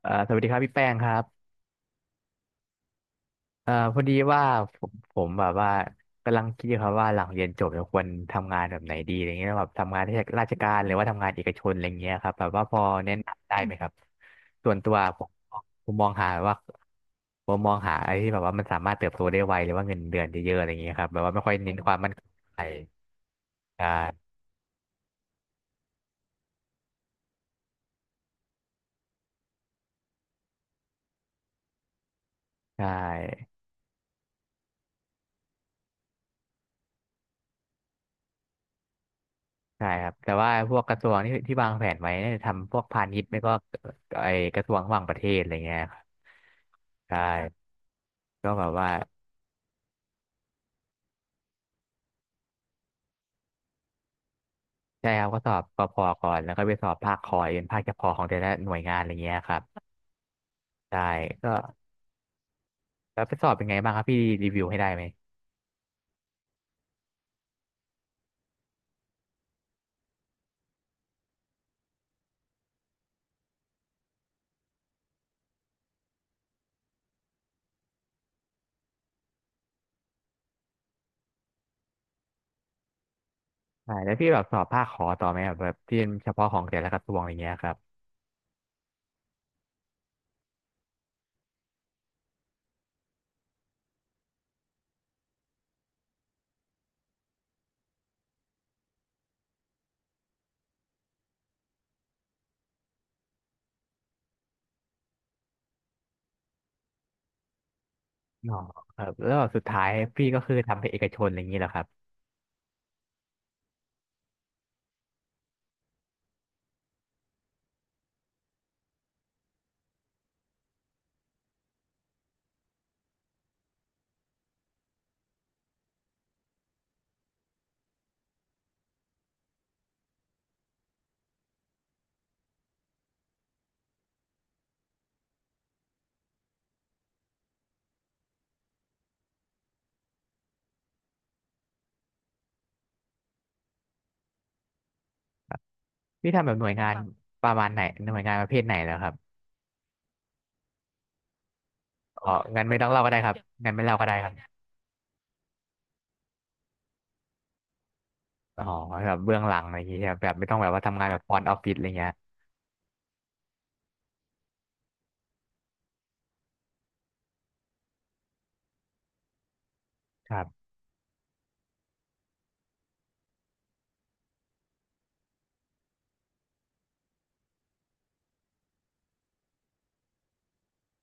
สวัสดีครับพี่แป้งครับพอดีว่าผมแบบว่ากำลังคิดอยู่ครับว่าหลังเรียนจบจะควรทำงานแบบไหนดีอะไรเงี้ยแบบทำงานราชการหรือว่าทำงานเอกชนอะไรเงี้ยครับแบบว่าพอแนะนำได้ไหมครับส่วนตัวผมผมมองหาว่าผมมองหาอะไรที่แบบว่ามันสามารถเติบโตได้ไวหรือว่าเงินเดือนเยอะๆอะไรเงี้ยครับแบบว่าไม่ค่อยเน้นความมั่นคงอะไรใช่ใช่ใช่ครับแต่ว่าพวกกระทรวงที่วางแผนไว้เนี่ยทำพวกพาณิชย์ไม่ก็ไอกระทรวงต่างประเทศอะไรเงี้ยครับใช่ ก็แบบว่าใช่ครับก็สอบกพก่อนแล้วก็ไปสอบภาคคอยเป็นภาคเฉพาะของแต่ละหน่วยงานอะไรเงี้ยครับใช่ก็แล้วไปสอบเป็นไงบ้างครับพี่รีวิวให้ได้ไหมใช่แล้วพี่แบบสอบภาคคอต่อไหมแบบที่เป็นเฉพาะของแต่ละกระทรวงอะไรเงี้ยครับอ๋อครับแล้วแบบสุดท้ายพี่ก็คือทำเป็นเอกชนอะไรอย่างงี้เหรอครับพี่ทำแบบหน่วยงานประมาณไหนหน่วยงานประเภทไหนเหรอครับอ๋องั้นไม่ต้องเล่าก็ได้ครับงั้นไม่เล่าก็ได้ครับอ๋อแบบเบื้องหลังอะไรอย่างงี้ใช่ไหมแบบไม่ต้องแบบว่าทำงานแบบฟรอนต์ออฟฟิศอะไรเงี้ย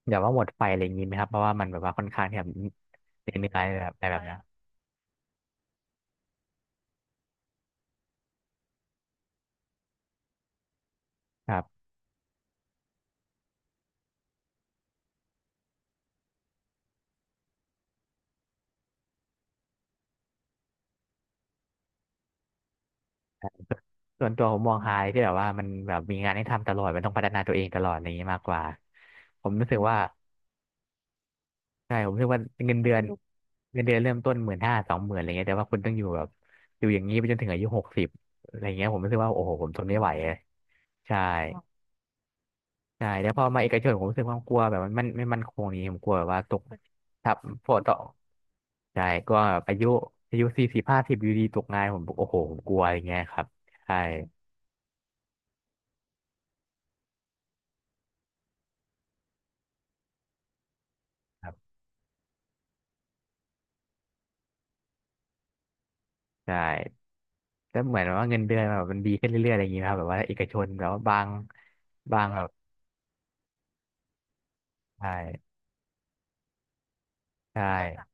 แบบว่าหมดไฟอะไรอย่างนี้ไหมครับเพราะว่ามันแบบว่าค่อนข้างที่แบบเหนื่อยๆแบบอะไรแบบเนี้ยครับส่วนตัวผมมองหายที่แบบว่ามันแบบมีงานให้ทำตลอดมันต้องพัฒนาตัวเองตลอดอะไรอย่างนี้มากกว่าผมรู้สึกว่าใช่ผมรู้สึกว่าเงินเดือนเงินเดือนเริ่มต้น15,00020,000อะไรเงี้ยแต่ว่าคุณต้องอยู่แบบอยู่อย่างนี้ไปจนถึงอายุ60อะไรเงี้ยผมรู้สึกว่าโอ้โหผมทนไม่ไหวอะใช่ ใช่แต่พอมาเอกชนผมรู้สึกความกลัวแบบมันมันไม่มั่นคงนี้ผมกลัวแบบว่าตกทับพวกต่อใช่ก็แบบอายุอายุ40-50อยู่ดีตกงานผมโอ้โหผมกลัวอย่างเงี้ยครับใช่ครับใช่แต่เหมือนว่าเงินเดือนแบบมันดีขึ้นเรื่อยๆอะไรอย่างเงี้ยครับแบบว่าเอกชนแบบว่าบางแบบใช่ใช่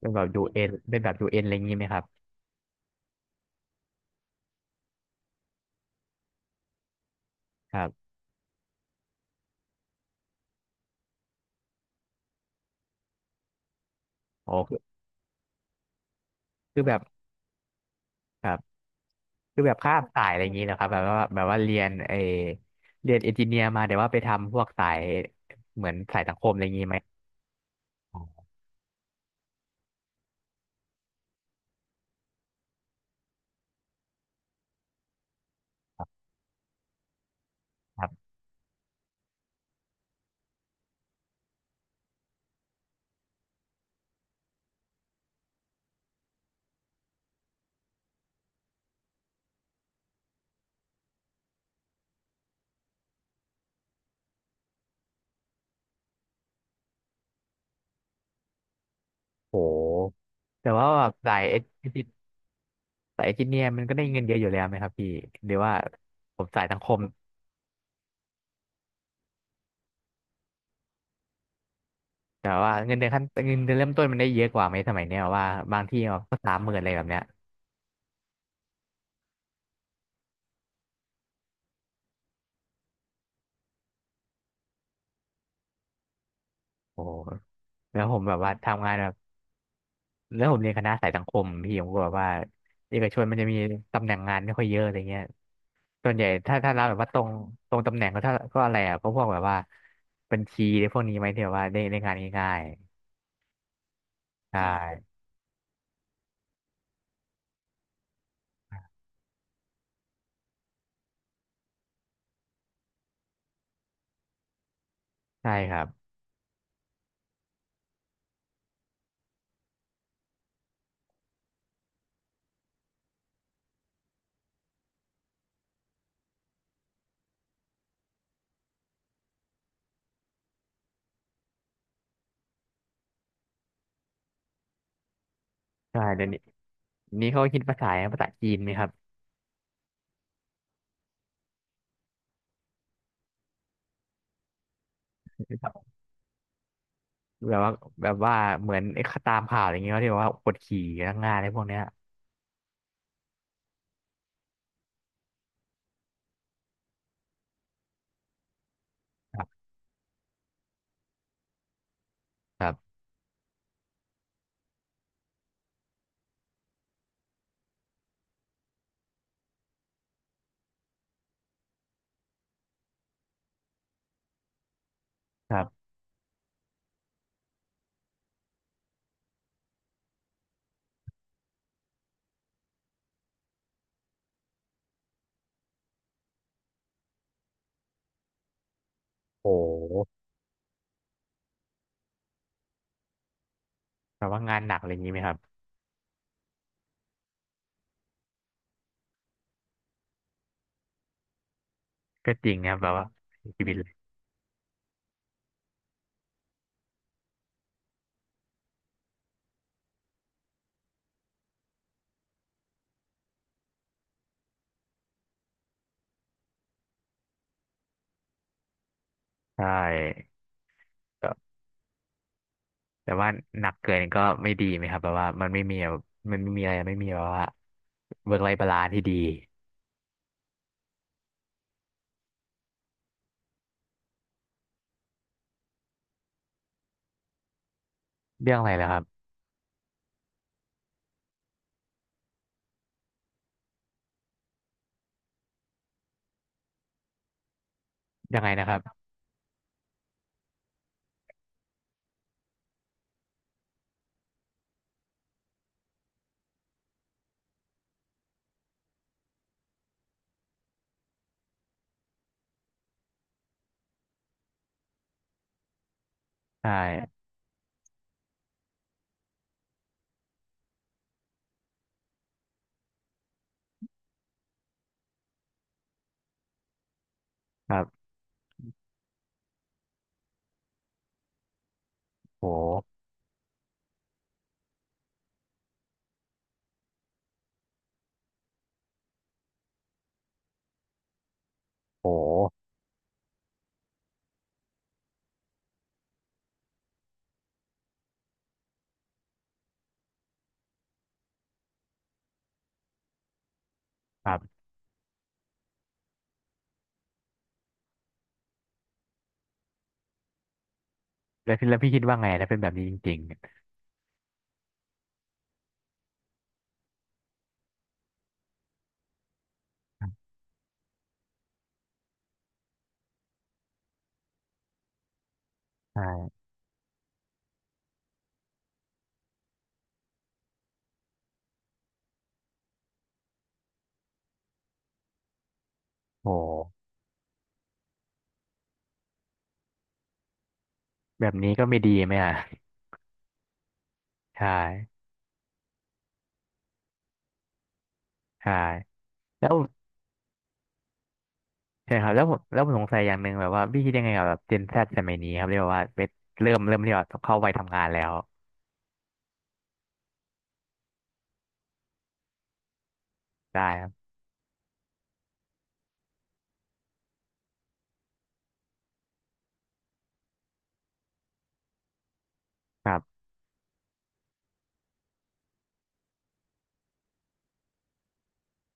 เป็นแบบยูเอ็นเป็นแบบยูเอ็นอะไรอย่างงี้ไหมครับครับอ๋อคือคือแบบ คือแบบข้ามสายอะไรอย่างนี้นะครับแบบว่าแบบว่าเรียนเรียนเอนจิเนียร์มาแต่ว่าไปทำพวกสายเหมือนสายสังคมอะไรอย่างนี้ไหมอ๋อครับครับโหแต่ว่าแบบจิสายเอนจิเนียร์มันก็ได้เงินเยอะอยู่แล้วไหมครับพี่หรือว่าผมสายสังคมแต่ว่าเงินเดือนขั้นเงินเดือนเริ่มต้นมันได้เยอะกว่าไหมสมัยเนี้ยว่าบางที่ก็30,000อะไรแบบเนี้ยโอ้โหแล้วผมแบบว่าทำงานแบบแล้วผมเรียนคณะสายสังคมพี่ผมก็แบบว่าเอกชนมันจะมีตำแหน่งงานไม่ค่อยเยอะอะไรเงี้ย ส่วนใหญ่ถ้ารับแบบว่าตรงตำแหน่งก็ถ้าก็อะไรอ่ะก็พวกแบบว่าบัญชีได้พวกนี้ไหมที่แบบว่าได้งานง่ายๆใช่ใช่ครับใช่เดี๋ยวนี้นี้เขาคิดภาษาจีนไหมครับแบบว่าแบบว่าเหมือนตามข่าวอะไรอย่างเงี้ยเขที่แบบว่ากดขี่พนักงานอะไรพวกเนี้ยครับครับครับโอ้โหแบบว่างานหนักอะไรอย่างงี้ไหมครับก็จริงครับแบบว่าชีวิตเลยใช่ แต่ว่าหนักเกินก็ไม่ดีไหมครับแบบว่ามันไม่มีแบบมันไม่มีอะไรไม่มีแบบว่าเวิร์กไลฟ์บาลานซ์ที่ดีเรื่องอะไรเหรอครับยังไงนะครับใช่ครับโหโหครับแล้วพี่คิดว่าไงถ้าเป็นแบบนี้จริงๆใช่โหแบบนี้ก็ไม่ดีไหมอ่ะใช่ใช่แล้วใช่ครับแล้วผมสงสัยอย่างหนึ่งแบบว่าพี่คิดยังไงกับแบบเจนแซดสมัยนี้ครับเรียกว่าเริ่มเรียกว่าเข้าวัยทำงานแล้วได้ครับครับ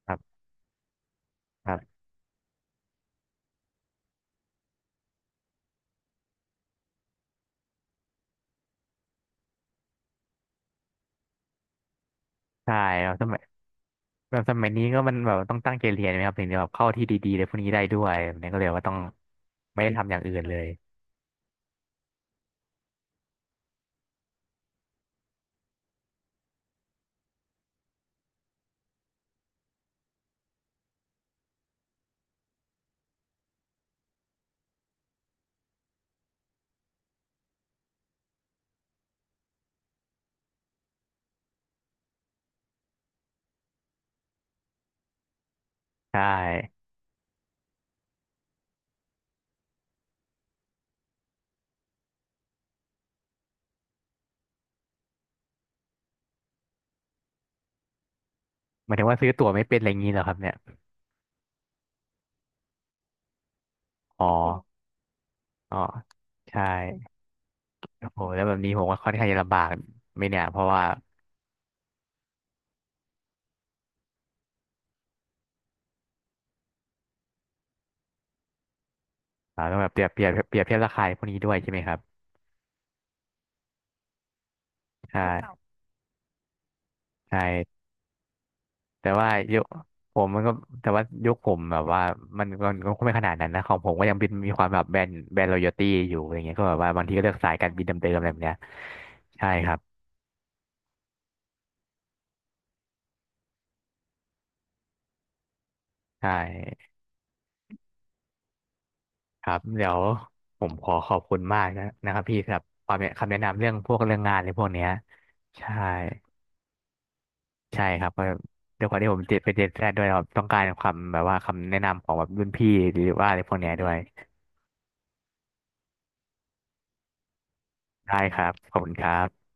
ครับครับใช่ครับสมัย แบบสมัยนี้ก็มันแบบต้องตั้งใจเรียนไหมครับถึงจะแบบเข้าที่ดีๆเลยพวกนี้ได้ด้วยแบบนี้ก็เลยว่าต้องไม่ได้ทำอย่างอื่นเลยใช่หมายถึงว่าซื้อตั๋วไม่เป็นอะไรอย่างนี้เหรอครับเนี่ยอ๋ออ๋อใช่โอ้โหแล้วแบบนี้ผมว่าค่อนข้างจะลำบากไหม่เนี่ยเพราะว่าเราต้องแบบเปรียบเทียบราคาพวกนี้ด้วยใช่ไหมครับใช่ใช่แต่ว่ายุคผมมันก็แต่ว่ายุคผมแบบว่ามันมันก็ไม่ขนาดนั้นนะของผมก็ยังเป็นมีความแบบแบรนด์รอยัลตี้อยู่อะไรเงี้ยก็แบบว่าบางทีก็เลือกสายการบินเดิมๆอะไรแบบเนี้ยใช่ครับ ใช่ครับเดี๋ยวผมขอขอบคุณมากนะครับพี่สำหรับความแนะคำแนะนำเรื่องพวกเรื่องงานในพวกเนี้ยใช่ใช่ครับเพราะด้วยความที่ผมติดไปเรียนแพทย์ด้วยครับต้องการความแบบว่าคำแนะนำของแบบรุ่นพี่หรือว่าอะไรพวกเนี้ยด้วยได้ครับขอบคุณครับ